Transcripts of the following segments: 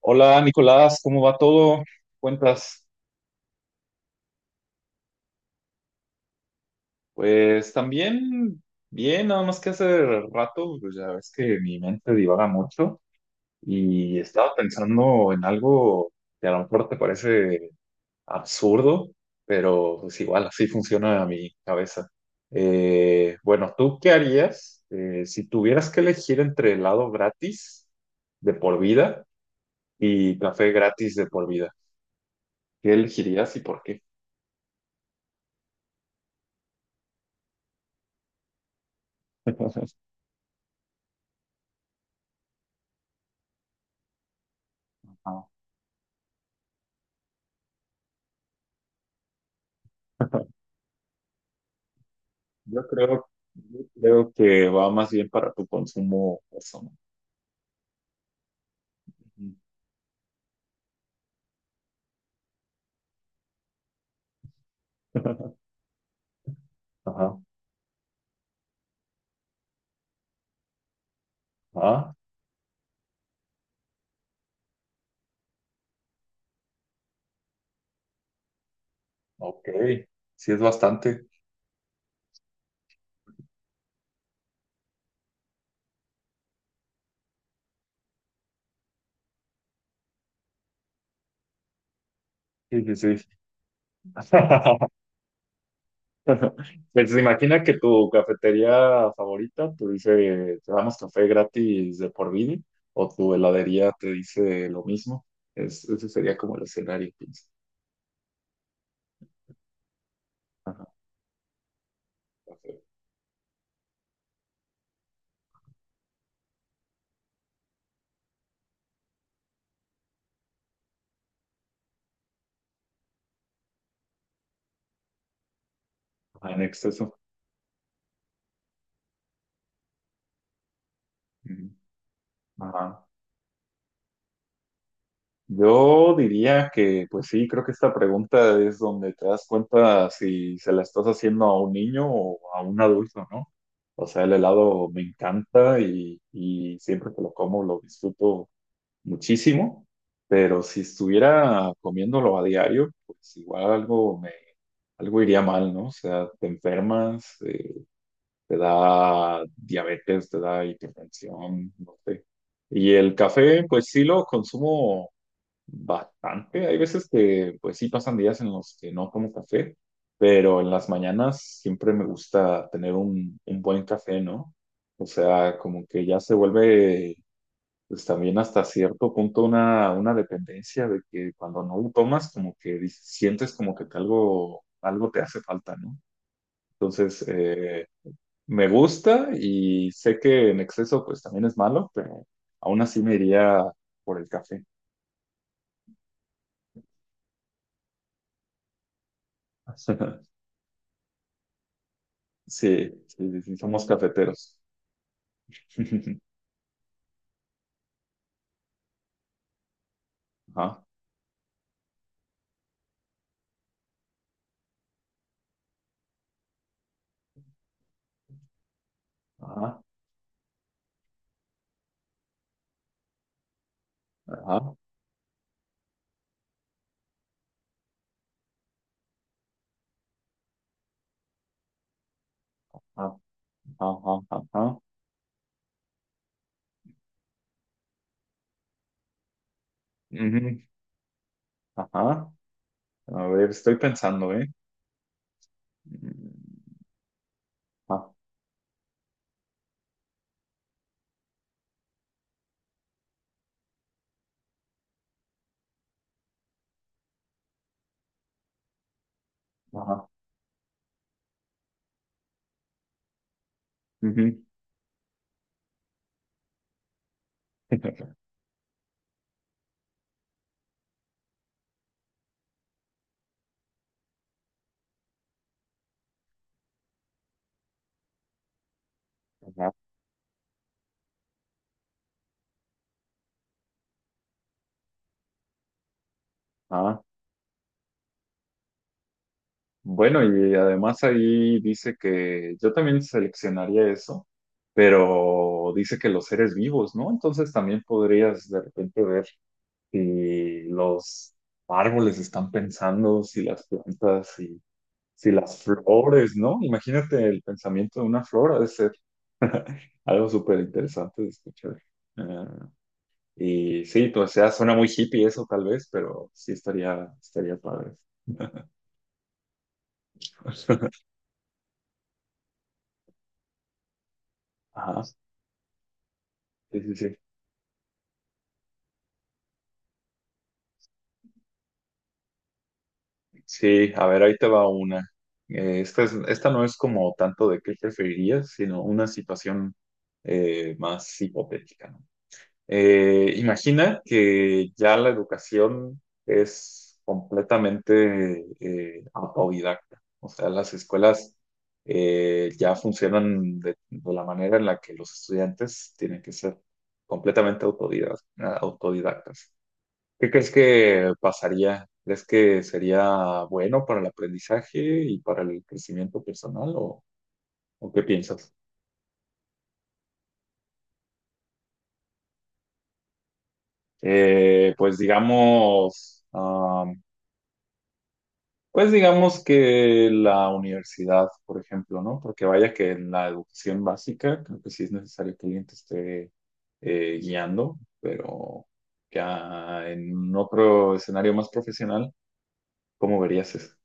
Hola Nicolás, ¿cómo va todo? ¿Cuentas? Pues también bien, nada más que hace rato, pues ya ves que mi mente divaga mucho y estaba pensando en algo que a lo mejor te parece absurdo, pero pues igual así funciona mi cabeza. Bueno, ¿tú qué harías si tuvieras que elegir entre helado gratis de por vida y café gratis de por vida? ¿Qué elegirías y por qué? Yo creo que va más bien para tu consumo personal. Ujú. Ajá. Ah, ok. Sí, es bastante. Sí, sí, sí. Pues imagina que tu cafetería favorita te dice, te damos café gratis de por vida, o tu heladería te dice lo mismo. Ese sería como el escenario, pienso. Ajá. Café. Ajá, en exceso. Ujú. Ajá. Yo diría que, pues sí, creo que esta pregunta es donde te das cuenta si se la estás haciendo a un niño o a un adulto, ¿no? O sea, el helado me encanta y, siempre que lo como lo disfruto muchísimo, pero si estuviera comiéndolo a diario, pues algo iría mal, ¿no? O sea, te enfermas, te da diabetes, te da hipertensión, no sé. Y el café, pues sí lo consumo bastante. Hay veces que, pues sí, pasan días en los que no tomo café, pero en las mañanas siempre me gusta tener un buen café, ¿no? O sea, como que ya se vuelve, pues también hasta cierto punto una dependencia de que cuando no lo tomas, como que sientes como que te algo te hace falta, ¿no? Entonces, me gusta y sé que en exceso, pues también es malo, pero aún así me iría por el café. Sí, sí, sí, sí, somos cafeteros. Ajá, ajá, ajá, ajá, ajá, ajá, ujú, ajá. A ver, estoy pensando, ¿eh? Mm, ajá, ajá, ujú, ajá, ajá. Bueno, y además ahí dice que yo también seleccionaría eso, pero dice que los seres vivos, ¿no? Entonces también podrías de repente ver si los árboles están pensando, si las plantas, si las flores, ¿no? Imagínate el pensamiento de una flor, ha de ser algo súper interesante de escuchar. Ah, y sí, pues, o sea, suena muy hippie eso tal vez, pero sí estaría padre. Ajá, sí, sí, sí. Sí, a ver, ahí te va una. Esta no es como tanto de qué preferirías, sino una situación más hipotética, ¿no? Imagina que ya la educación es completamente autodidacta. O sea, las escuelas ya funcionan de la manera en la que los estudiantes tienen que ser completamente autodidactas. ¿Qué crees que pasaría? ¿Crees que sería bueno para el aprendizaje y para el crecimiento personal o, qué piensas? Pues digamos, pues digamos que la universidad, por ejemplo, ¿no? Porque vaya que en la educación básica creo que sí es necesario que alguien te esté guiando, pero ya en otro escenario más profesional, ¿cómo verías eso?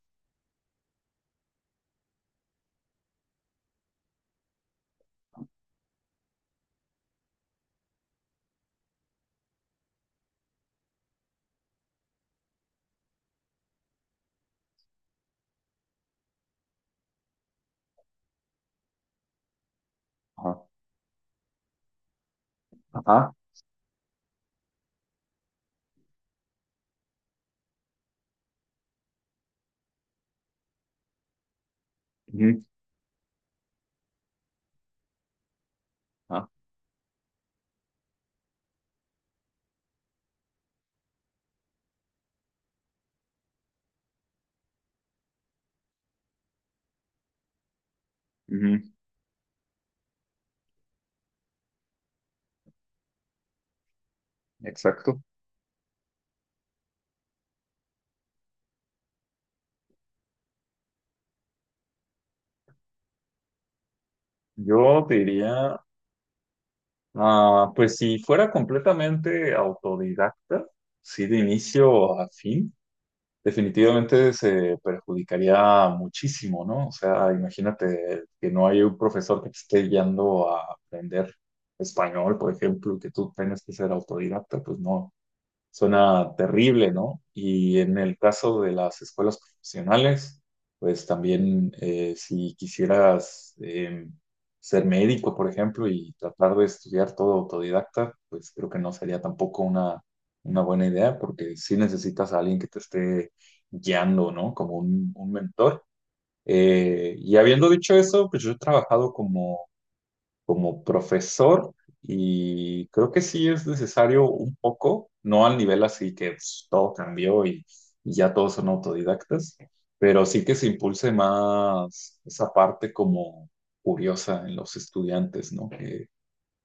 Ajá, ajá, ujú, ajá, ujú, exacto. Yo te diría, ah, pues si fuera completamente autodidacta, sí de inicio a fin. Definitivamente se perjudicaría muchísimo, ¿no? O sea, imagínate que no hay un profesor que te esté guiando a aprender español, por ejemplo, que tú tienes que ser autodidacta, pues no. Suena terrible, ¿no? Y en el caso de las escuelas profesionales, pues también si quisieras ser médico, por ejemplo, y tratar de estudiar todo autodidacta, pues creo que no sería tampoco una buena idea, porque sí necesitas a alguien que te esté guiando, ¿no? Como un mentor. Y habiendo dicho eso, pues yo he trabajado como profesor y creo que sí es necesario un poco, no al nivel así que pues, todo cambió y, ya todos son autodidactas, pero sí que se impulse más esa parte como curiosa en los estudiantes, ¿no? Que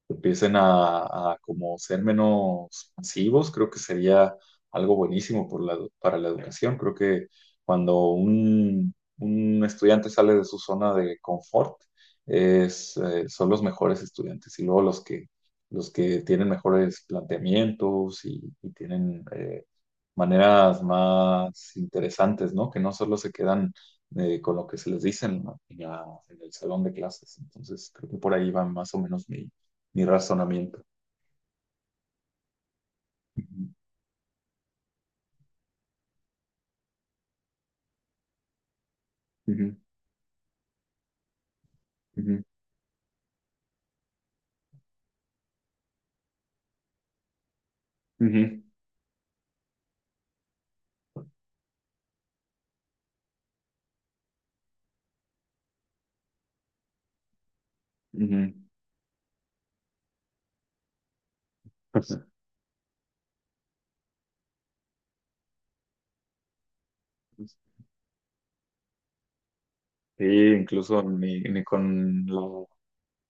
empiecen a como ser menos pasivos, creo que sería algo buenísimo para la educación. Creo que cuando un estudiante sale de su zona de confort, son los mejores estudiantes y luego los que tienen mejores planteamientos y, tienen maneras más interesantes, ¿no? Que no solo se quedan con lo que se les dice en el salón de clases. Entonces, creo que por ahí va más o menos mi razonamiento. Ujú, ujú, ujú, ujú, ujú. Sí, incluso ni con la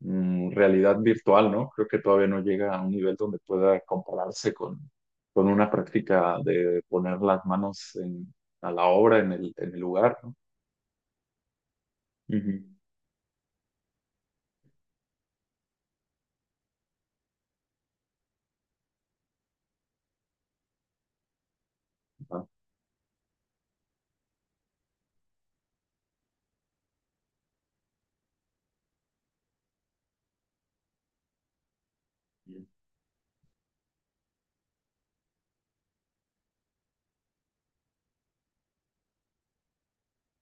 realidad virtual, ¿no? Creo que todavía no llega a un nivel donde pueda compararse con una práctica de poner las manos a la obra, en el, lugar, ¿no? Ujú. Ah.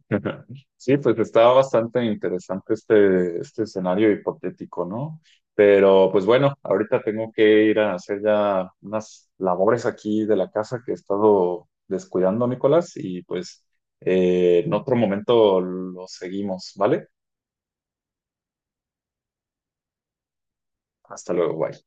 Sí, pues estaba bastante interesante este escenario hipotético, ¿no? Pero pues bueno, ahorita tengo que ir a hacer ya unas labores aquí de la casa que he estado descuidando, Nicolás, y pues en otro momento lo seguimos, ¿vale? Hasta luego, bye.